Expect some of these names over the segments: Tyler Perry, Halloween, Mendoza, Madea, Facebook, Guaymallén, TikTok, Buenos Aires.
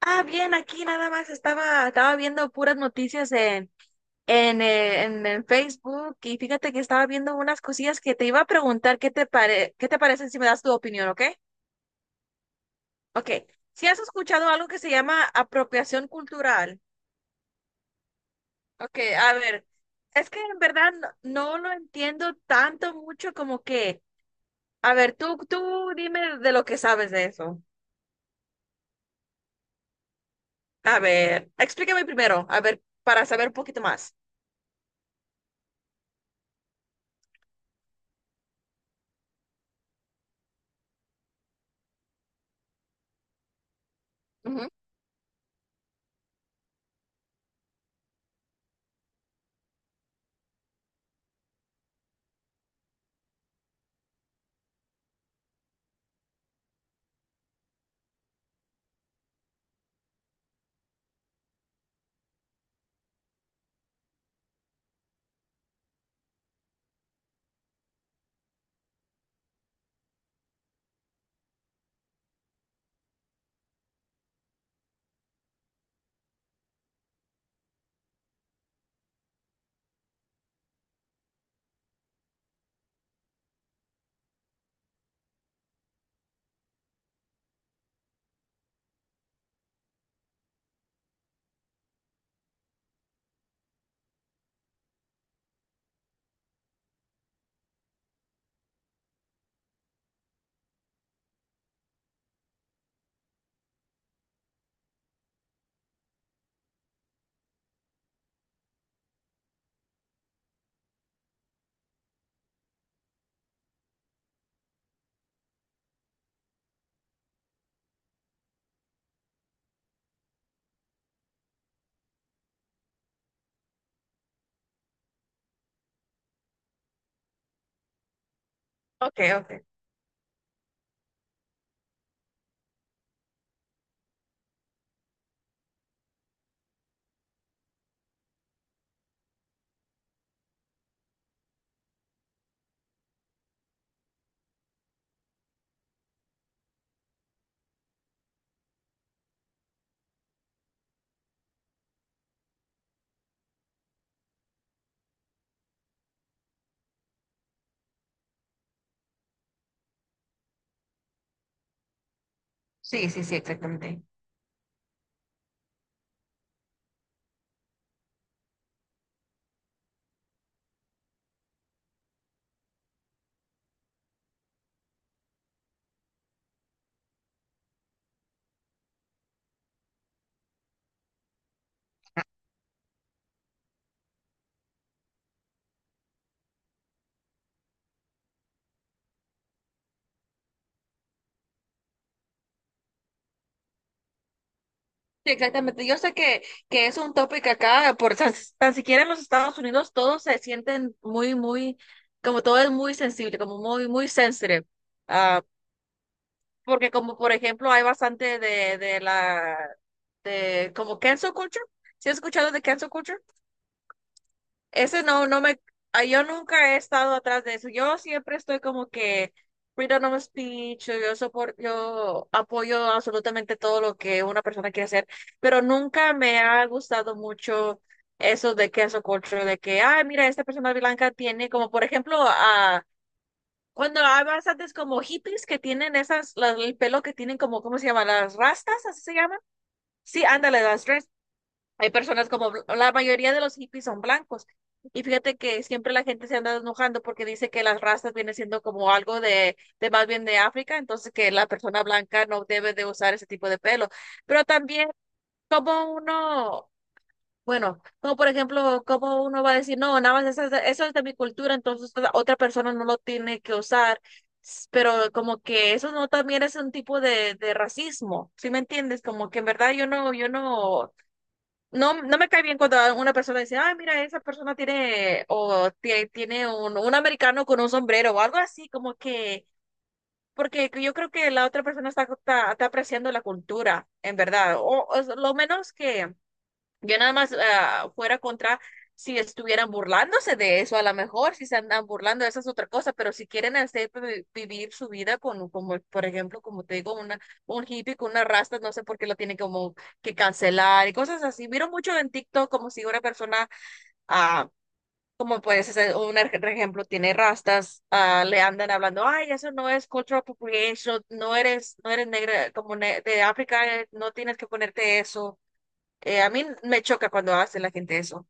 Ah, bien, aquí nada más estaba viendo puras noticias en Facebook y fíjate que estaba viendo unas cosillas que te iba a preguntar qué te parecen si me das tu opinión, ¿ok? Ok, si has escuchado algo que se llama apropiación cultural. Ok, a ver, es que en verdad no lo entiendo tanto mucho como que, a ver, tú dime de lo que sabes de eso. A ver, explícame primero, a ver, para saber un poquito más. Ujú. Ok, ok. Sí, sí, sí, exactamente. Sí, exactamente. Yo sé que es un tópico acá, tan siquiera en los Estados Unidos todos se sienten muy, muy, como todo es muy sensible, como muy, muy sensitive. Ah, porque como por ejemplo hay bastante de como cancel culture. ¿Sí has escuchado de cancel culture? Ese no me, ah, yo nunca he estado atrás de eso. Yo siempre estoy como que freedom of speech, yo apoyo absolutamente todo lo que una persona quiere hacer, pero nunca me ha gustado mucho eso de cancel culture, de que, ah, mira, esta persona blanca tiene como, por ejemplo, a cuando hay bastantes como hippies que tienen el pelo que tienen como, ¿cómo se llama? Las rastas, así se llaman. Sí, ándale, las hay personas como, la mayoría de los hippies son blancos. Y fíjate que siempre la gente se anda enojando porque dice que las razas viene siendo como algo de más bien de África, entonces que la persona blanca no debe de usar ese tipo de pelo. Pero también como uno, bueno, como por ejemplo, como uno va a decir, no, nada más eso es de mi cultura, entonces otra persona no lo tiene que usar. Pero como que eso no también es un tipo de racismo, ¿sí me entiendes? Como que en verdad yo no, yo no. No, no me cae bien cuando una persona dice, ay, mira, esa persona tiene, o tiene un americano con un sombrero o algo así, como que, porque yo creo que la otra persona está apreciando la cultura, en verdad, o es lo menos que, yo nada más fuera contra si estuvieran burlándose de eso, a lo mejor si se andan burlando, esa es otra cosa, pero si quieren hacer vivir su vida con, como, por ejemplo, como te digo, una, un hippie con una rasta, no sé por qué lo tiene como que cancelar y cosas así. Miro mucho en TikTok como si una persona, ah, como puedes hacer un ejemplo, tiene rastas, ah, le andan hablando, ay, eso no es cultural appropriation, no eres, no eres negra, de África, no tienes que ponerte eso. A mí me choca cuando hace la gente eso.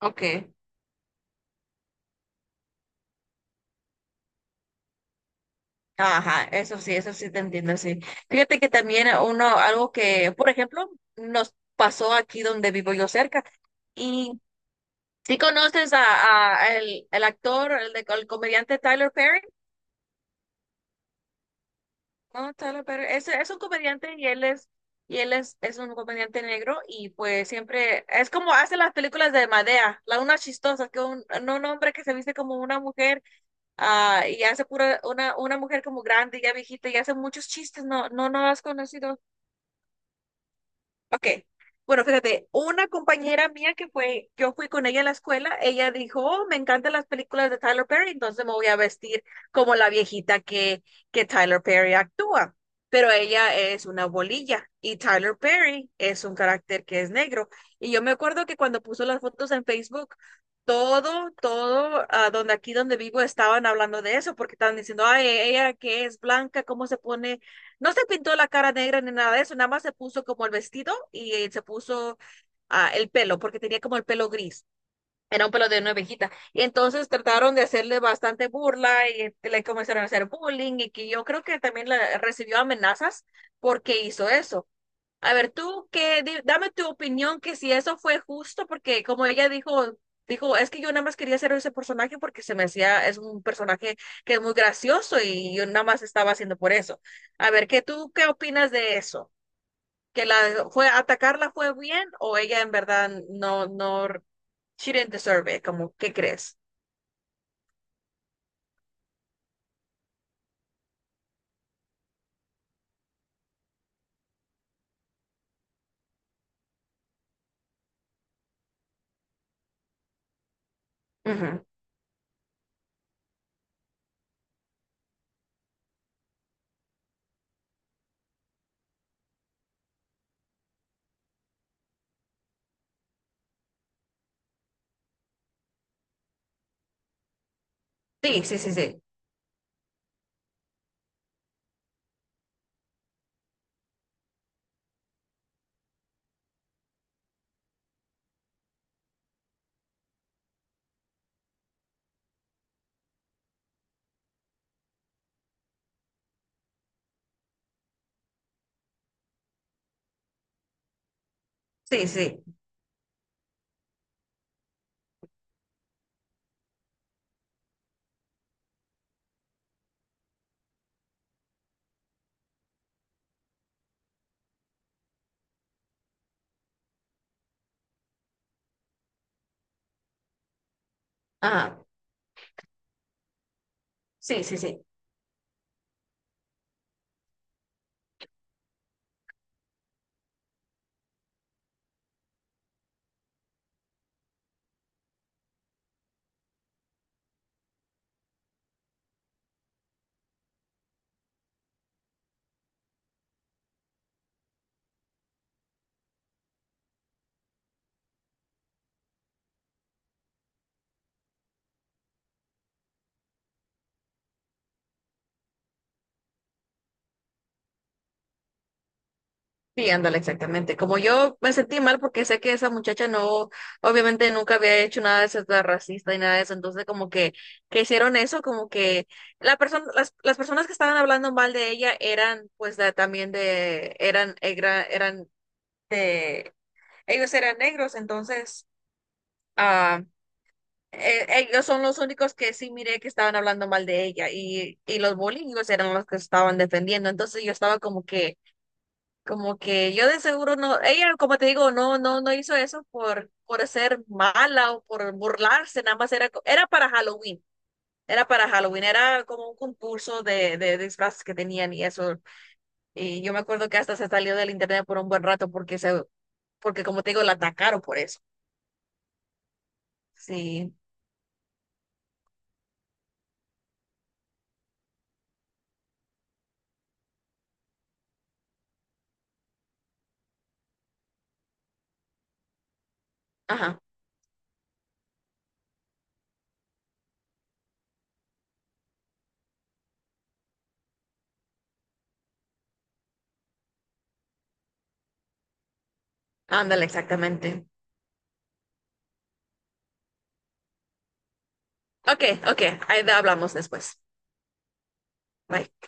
Ok. Ajá, eso sí te entiendo, sí. Fíjate que también uno, algo que, por ejemplo, nos pasó aquí donde vivo yo cerca. Y si conoces a el actor, el comediante Tyler Perry, ¿no? Tyler Perry, es un comediante y y él es un comediante negro y pues siempre, es como hace las películas de Madea, la una chistosa, que un, no, un hombre que se viste como una mujer. Ah, y hace pura una mujer como grande, ya viejita, y hace muchos chistes, no, no, no has conocido. Ok. Bueno, fíjate, una compañera mía que fue, yo fui con ella a la escuela, ella dijo, oh, me encantan las películas de Tyler Perry, entonces me voy a vestir como la viejita que Tyler Perry actúa. Pero ella es una bolilla y Tyler Perry es un carácter que es negro. Y yo me acuerdo que cuando puso las fotos en Facebook, donde aquí donde vivo estaban hablando de eso, porque estaban diciendo, ay, ella que es blanca, ¿cómo se pone? No se pintó la cara negra ni nada de eso, nada más se puso como el vestido y se puso el pelo, porque tenía como el pelo gris, era un pelo de una ovejita. Y entonces trataron de hacerle bastante burla y le comenzaron a hacer bullying y que yo creo que también recibió amenazas porque hizo eso. A ver, tú, dame tu opinión que si eso fue justo, porque como ella dijo, dijo, es que yo nada más quería hacer ese personaje porque se me hacía, es un personaje que es muy gracioso y yo nada más estaba haciendo por eso. A ver, ¿qué tú qué opinas de eso? ¿Que la fue atacarla fue bien o ella en verdad no, no, she didn't deserve it? Como, ¿qué crees? Ujú. Sí, sí, sí, sí, sí, sí. Ajá, sí, sí, sí. Sí, ándale, exactamente. Como yo me sentí mal porque sé que esa muchacha no, obviamente nunca había hecho nada de ser tan racista y nada de eso, entonces como que hicieron eso, como que la persona, las personas que estaban hablando mal de ella eran pues de- también de, eran, era- eran de, ellos eran negros, entonces ah, ellos son los únicos que sí miré que estaban hablando mal de ella y los bullyingos eran los que estaban defendiendo, entonces yo estaba como que yo de seguro no, ella, como te digo, no, no, no hizo eso por ser mala o por burlarse, nada más era para Halloween, era para Halloween, era como un concurso de disfraces que tenían y eso. Y yo me acuerdo que hasta se salió del internet por un buen rato porque porque como te digo, la atacaron por eso. Sí, ajá, ándale, exactamente. Ok, ok, ahí hablamos después. Bye.